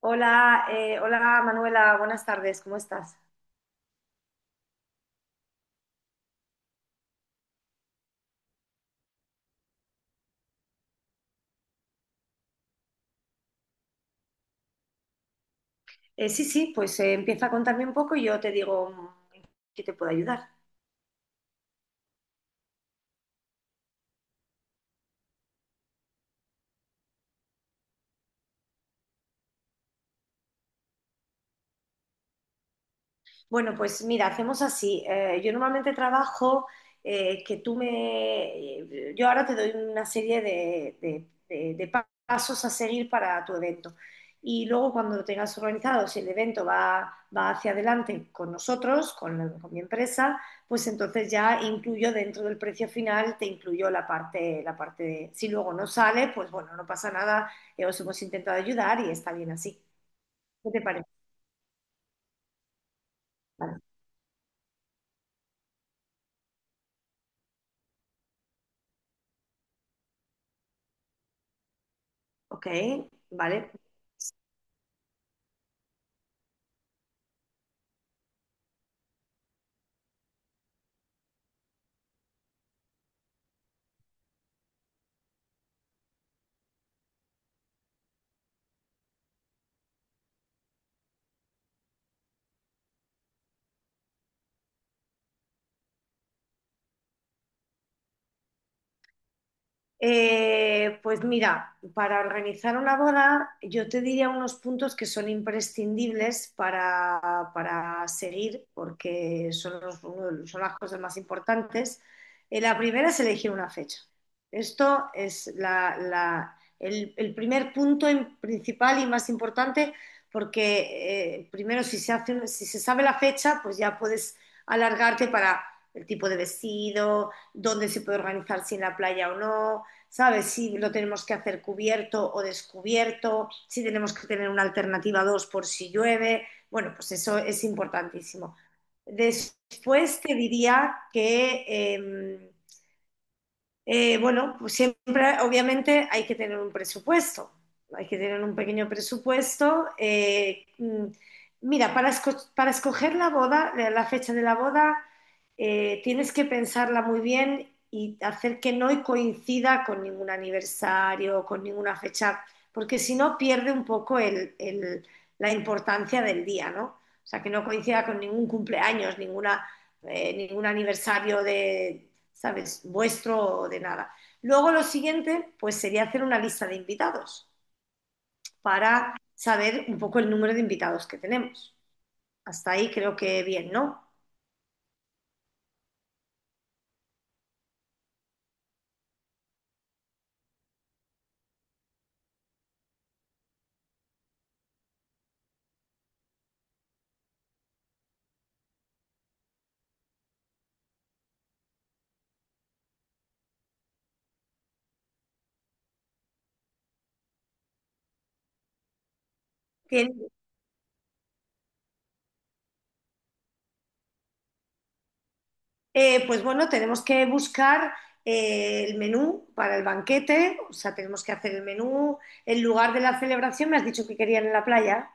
Hola, hola Manuela, buenas tardes, ¿cómo estás? Sí, sí, pues empieza a contarme un poco y yo te digo en qué te puedo ayudar. Bueno, pues mira, hacemos así. Yo normalmente trabajo que tú me... Yo ahora te doy una serie de, pasos a seguir para tu evento. Y luego cuando lo tengas organizado, si el evento va hacia adelante con nosotros, con mi empresa, pues entonces ya incluyo dentro del precio final, te incluyo la parte de... Si luego no sale, pues bueno, no pasa nada, os hemos intentado ayudar y está bien así. ¿Qué te parece? Vale. Ok, vale. Pues mira, para organizar una boda, yo te diría unos puntos que son imprescindibles para seguir, porque son, uno son las cosas más importantes. La primera es elegir una fecha. Esto es el primer punto principal y más importante, porque primero si se hace, si se sabe la fecha, pues ya puedes alargarte para el tipo de vestido, dónde se puede organizar, si en la playa o no. ¿Sabes? Si lo tenemos que hacer cubierto o descubierto, si tenemos que tener una alternativa 2 por si llueve. Bueno, pues eso es importantísimo. Después te diría que bueno, pues siempre, obviamente, hay que tener un presupuesto. Hay que tener un pequeño presupuesto. Mira, para, para escoger la boda, la fecha de la boda, tienes que pensarla muy bien y hacer que no coincida con ningún aniversario, con ninguna fecha, porque si no pierde un poco la importancia del día, ¿no? O sea, que no coincida con ningún cumpleaños, ninguna, ningún aniversario de... ¿Sabes? Vuestro de nada. Luego lo siguiente, pues sería hacer una lista de invitados para saber un poco el número de invitados que tenemos. Hasta ahí creo que bien, ¿no? Bien. Pues bueno, tenemos que buscar el menú para el banquete, o sea, tenemos que hacer el menú, el lugar de la celebración, me has dicho que querían en la playa.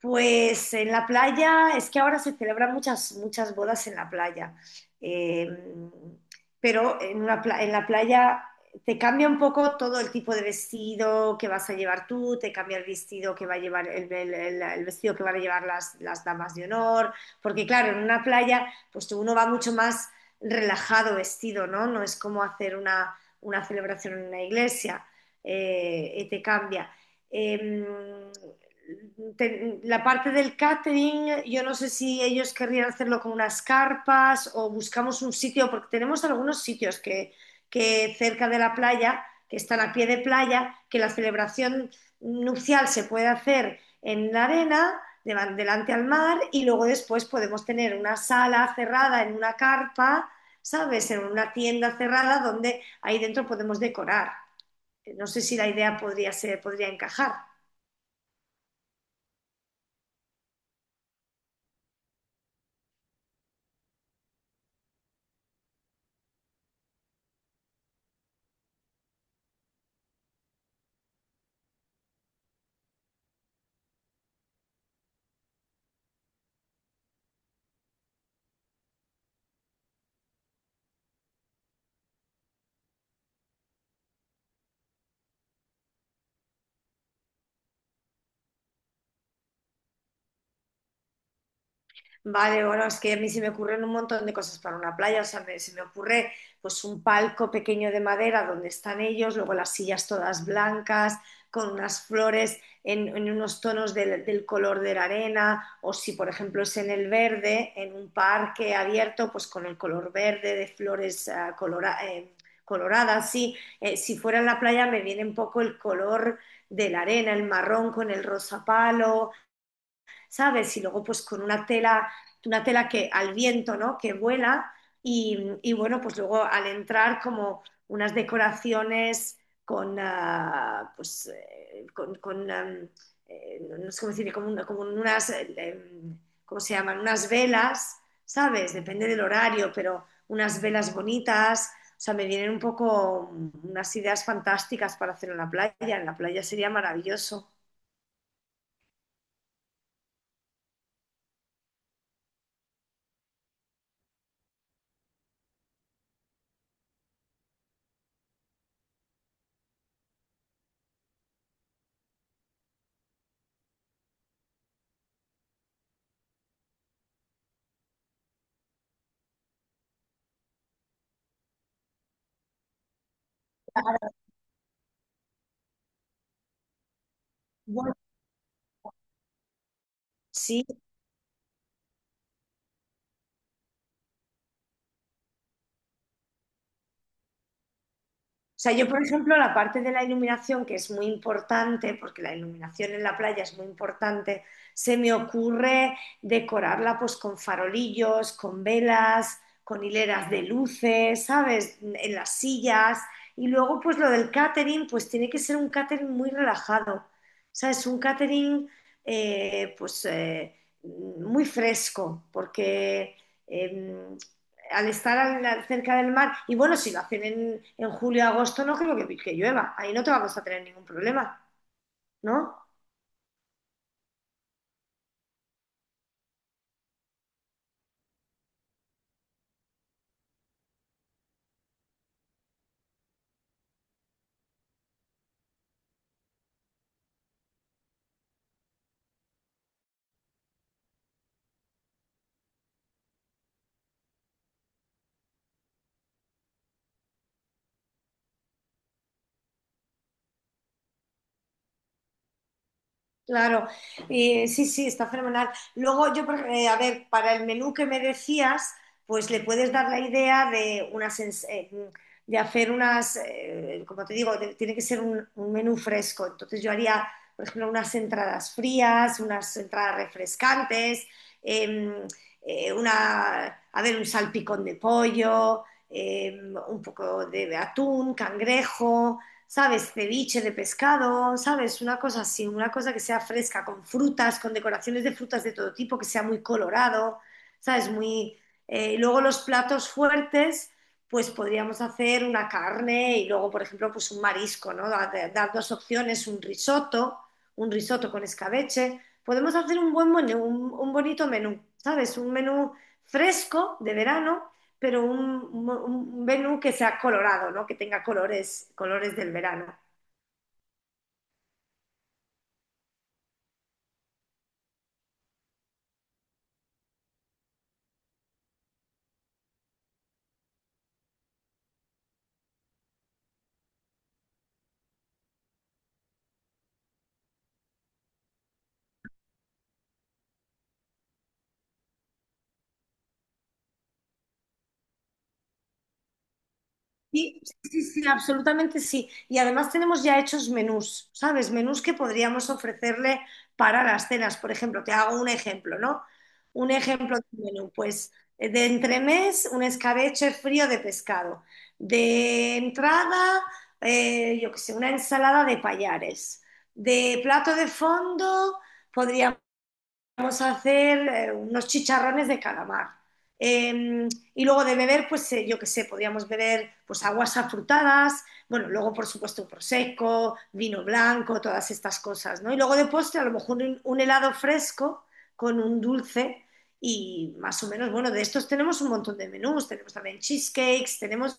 Pues en la playa, es que ahora se celebran muchas, muchas bodas en la playa. Eh, pero en, en la playa te cambia un poco todo el tipo de vestido que vas a llevar tú, te cambia el vestido que va a llevar el vestido que van a llevar las damas de honor, porque claro, en una playa pues uno va mucho más relajado vestido, ¿no? No es como hacer una celebración en una iglesia, y te cambia. Em, la parte del catering, yo no sé si ellos querrían hacerlo con unas carpas o buscamos un sitio, porque tenemos algunos sitios que cerca de la playa, que están a pie de playa, que la celebración nupcial se puede hacer en la arena, delante al mar, y luego después podemos tener una sala cerrada en una carpa. ¿Sabes? En una tienda cerrada donde ahí dentro podemos decorar. No sé si la idea podría ser, podría encajar. Vale, bueno, es que a mí se me ocurren un montón de cosas para una playa, o sea, se me ocurre pues un palco pequeño de madera donde están ellos, luego las sillas todas blancas, con unas flores en unos tonos del color de la arena, o si por ejemplo es en el verde, en un parque abierto, pues con el color verde de flores ah, coloradas, sí. Si fuera en la playa me viene un poco el color de la arena, el marrón con el rosa palo. ¿Sabes? Y luego pues con una tela que al viento, ¿no? Que vuela y bueno, pues luego al entrar como unas decoraciones con, ah, pues, con, am, no, no sé cómo decir, como, como unas, ¿cómo se llaman? Unas velas. ¿Sabes? Depende del horario, pero unas velas bonitas. O sea, me vienen un poco unas ideas fantásticas para hacer en la playa. En la playa sería maravilloso. Bueno. Sí. O sea, yo, por ejemplo, la parte de la iluminación, que es muy importante, porque la iluminación en la playa es muy importante, se me ocurre decorarla pues con farolillos, con velas, con hileras de luces. ¿Sabes? En las sillas. Y luego, pues lo del catering, pues tiene que ser un catering muy relajado. ¿Sabes? Un catering, eh, pues, eh, muy fresco, porque eh, al estar cerca del mar, y bueno, si lo hacen en julio agosto, no creo que llueva, ahí no te vamos a tener ningún problema, ¿no? Claro. Sí, sí, está fenomenal. Luego yo, a ver, para el menú que me decías, pues le puedes dar la idea de unas, de hacer unas, como te digo, tiene que ser un menú fresco. Entonces yo haría, por ejemplo, unas entradas frías, unas entradas refrescantes, eh, una, a ver, un salpicón de pollo, eh, un poco de atún, cangrejo. ¿Sabes? Ceviche de pescado. ¿Sabes? Una cosa así, una cosa que sea fresca, con frutas, con decoraciones de frutas de todo tipo, que sea muy colorado. ¿Sabes? Muy... Y luego los platos fuertes, pues podríamos hacer una carne y luego, por ejemplo, pues un marisco, ¿no? Dar dos opciones, un risotto con escabeche. Podemos hacer un buen menú, un bonito menú. ¿Sabes? Un menú fresco de verano pero un, menú que sea colorado, ¿no? Que tenga colores, colores del verano. Sí, sí, sí, absolutamente sí. Y además tenemos ya hechos menús. ¿Sabes? Menús que podríamos ofrecerle para las cenas. Por ejemplo, te hago un ejemplo, ¿no? Un ejemplo de menú, pues de entremés, un escabeche frío de pescado. De entrada, yo qué sé, una ensalada de payares. De plato de fondo, podríamos vamos a hacer unos chicharrones de calamar. Eh, y luego de beber, pues yo qué sé, podíamos beber pues aguas afrutadas, bueno, luego por supuesto prosecco, vino blanco, todas estas cosas, ¿no? Y luego de postre a lo mejor un helado fresco con un dulce y más o menos, bueno, de estos tenemos un montón de menús, tenemos también cheesecakes, tenemos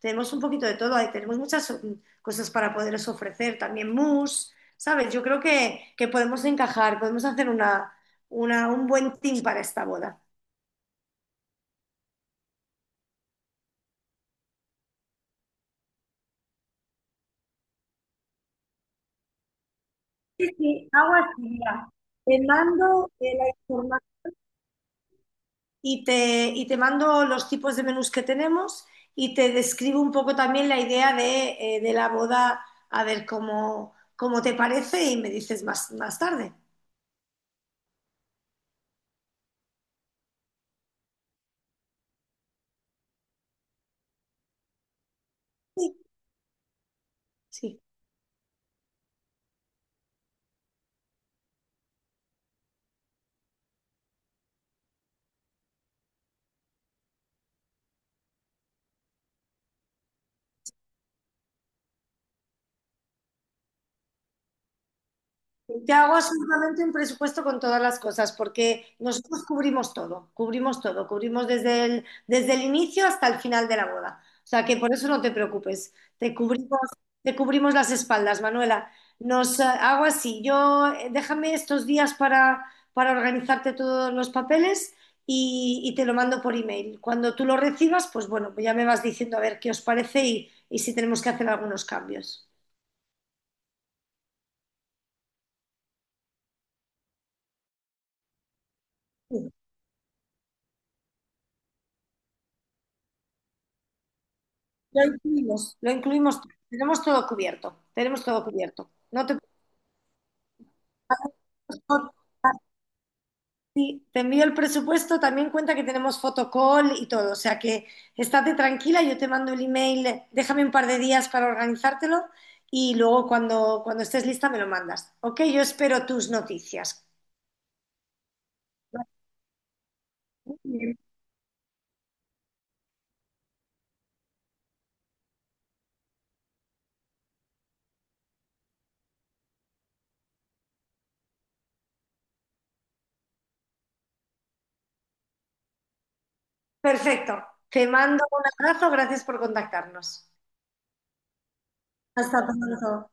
tenemos un poquito de todo, ahí tenemos muchas cosas para poderos ofrecer, también mousse. ¿Sabes? Yo creo que podemos encajar, podemos hacer una, un buen team para esta boda. Sí, sí, hago así, mira. Te mando la información. Y te mando los tipos de menús que tenemos y te describo un poco también la idea de la boda, a ver cómo, cómo te parece y me dices más, más tarde. Sí, sí. Yo hago absolutamente un presupuesto con todas las cosas, porque nosotros cubrimos todo, cubrimos todo, cubrimos desde el inicio hasta el final de la boda. O sea que por eso no te preocupes, te cubrimos, te cubrimos las espaldas, Manuela. Nos Hago así, yo déjame estos días para organizarte todos los papeles y te lo mando por email. Cuando tú lo recibas, pues bueno, pues ya me vas diciendo a ver qué os parece y si tenemos que hacer algunos cambios. Lo incluimos, lo incluimos. Tenemos todo cubierto, tenemos todo cubierto. No te, no- Sí, te envío el presupuesto, también cuenta que tenemos fotocall y todo. O sea que estate tranquila, yo te mando el email, déjame un par de días para organizártelo y luego cuando, cuando estés lista me lo mandas. Ok, yo espero tus noticias. Bien. Perfecto. Te mando un abrazo, gracias por contactarnos. Hasta pronto.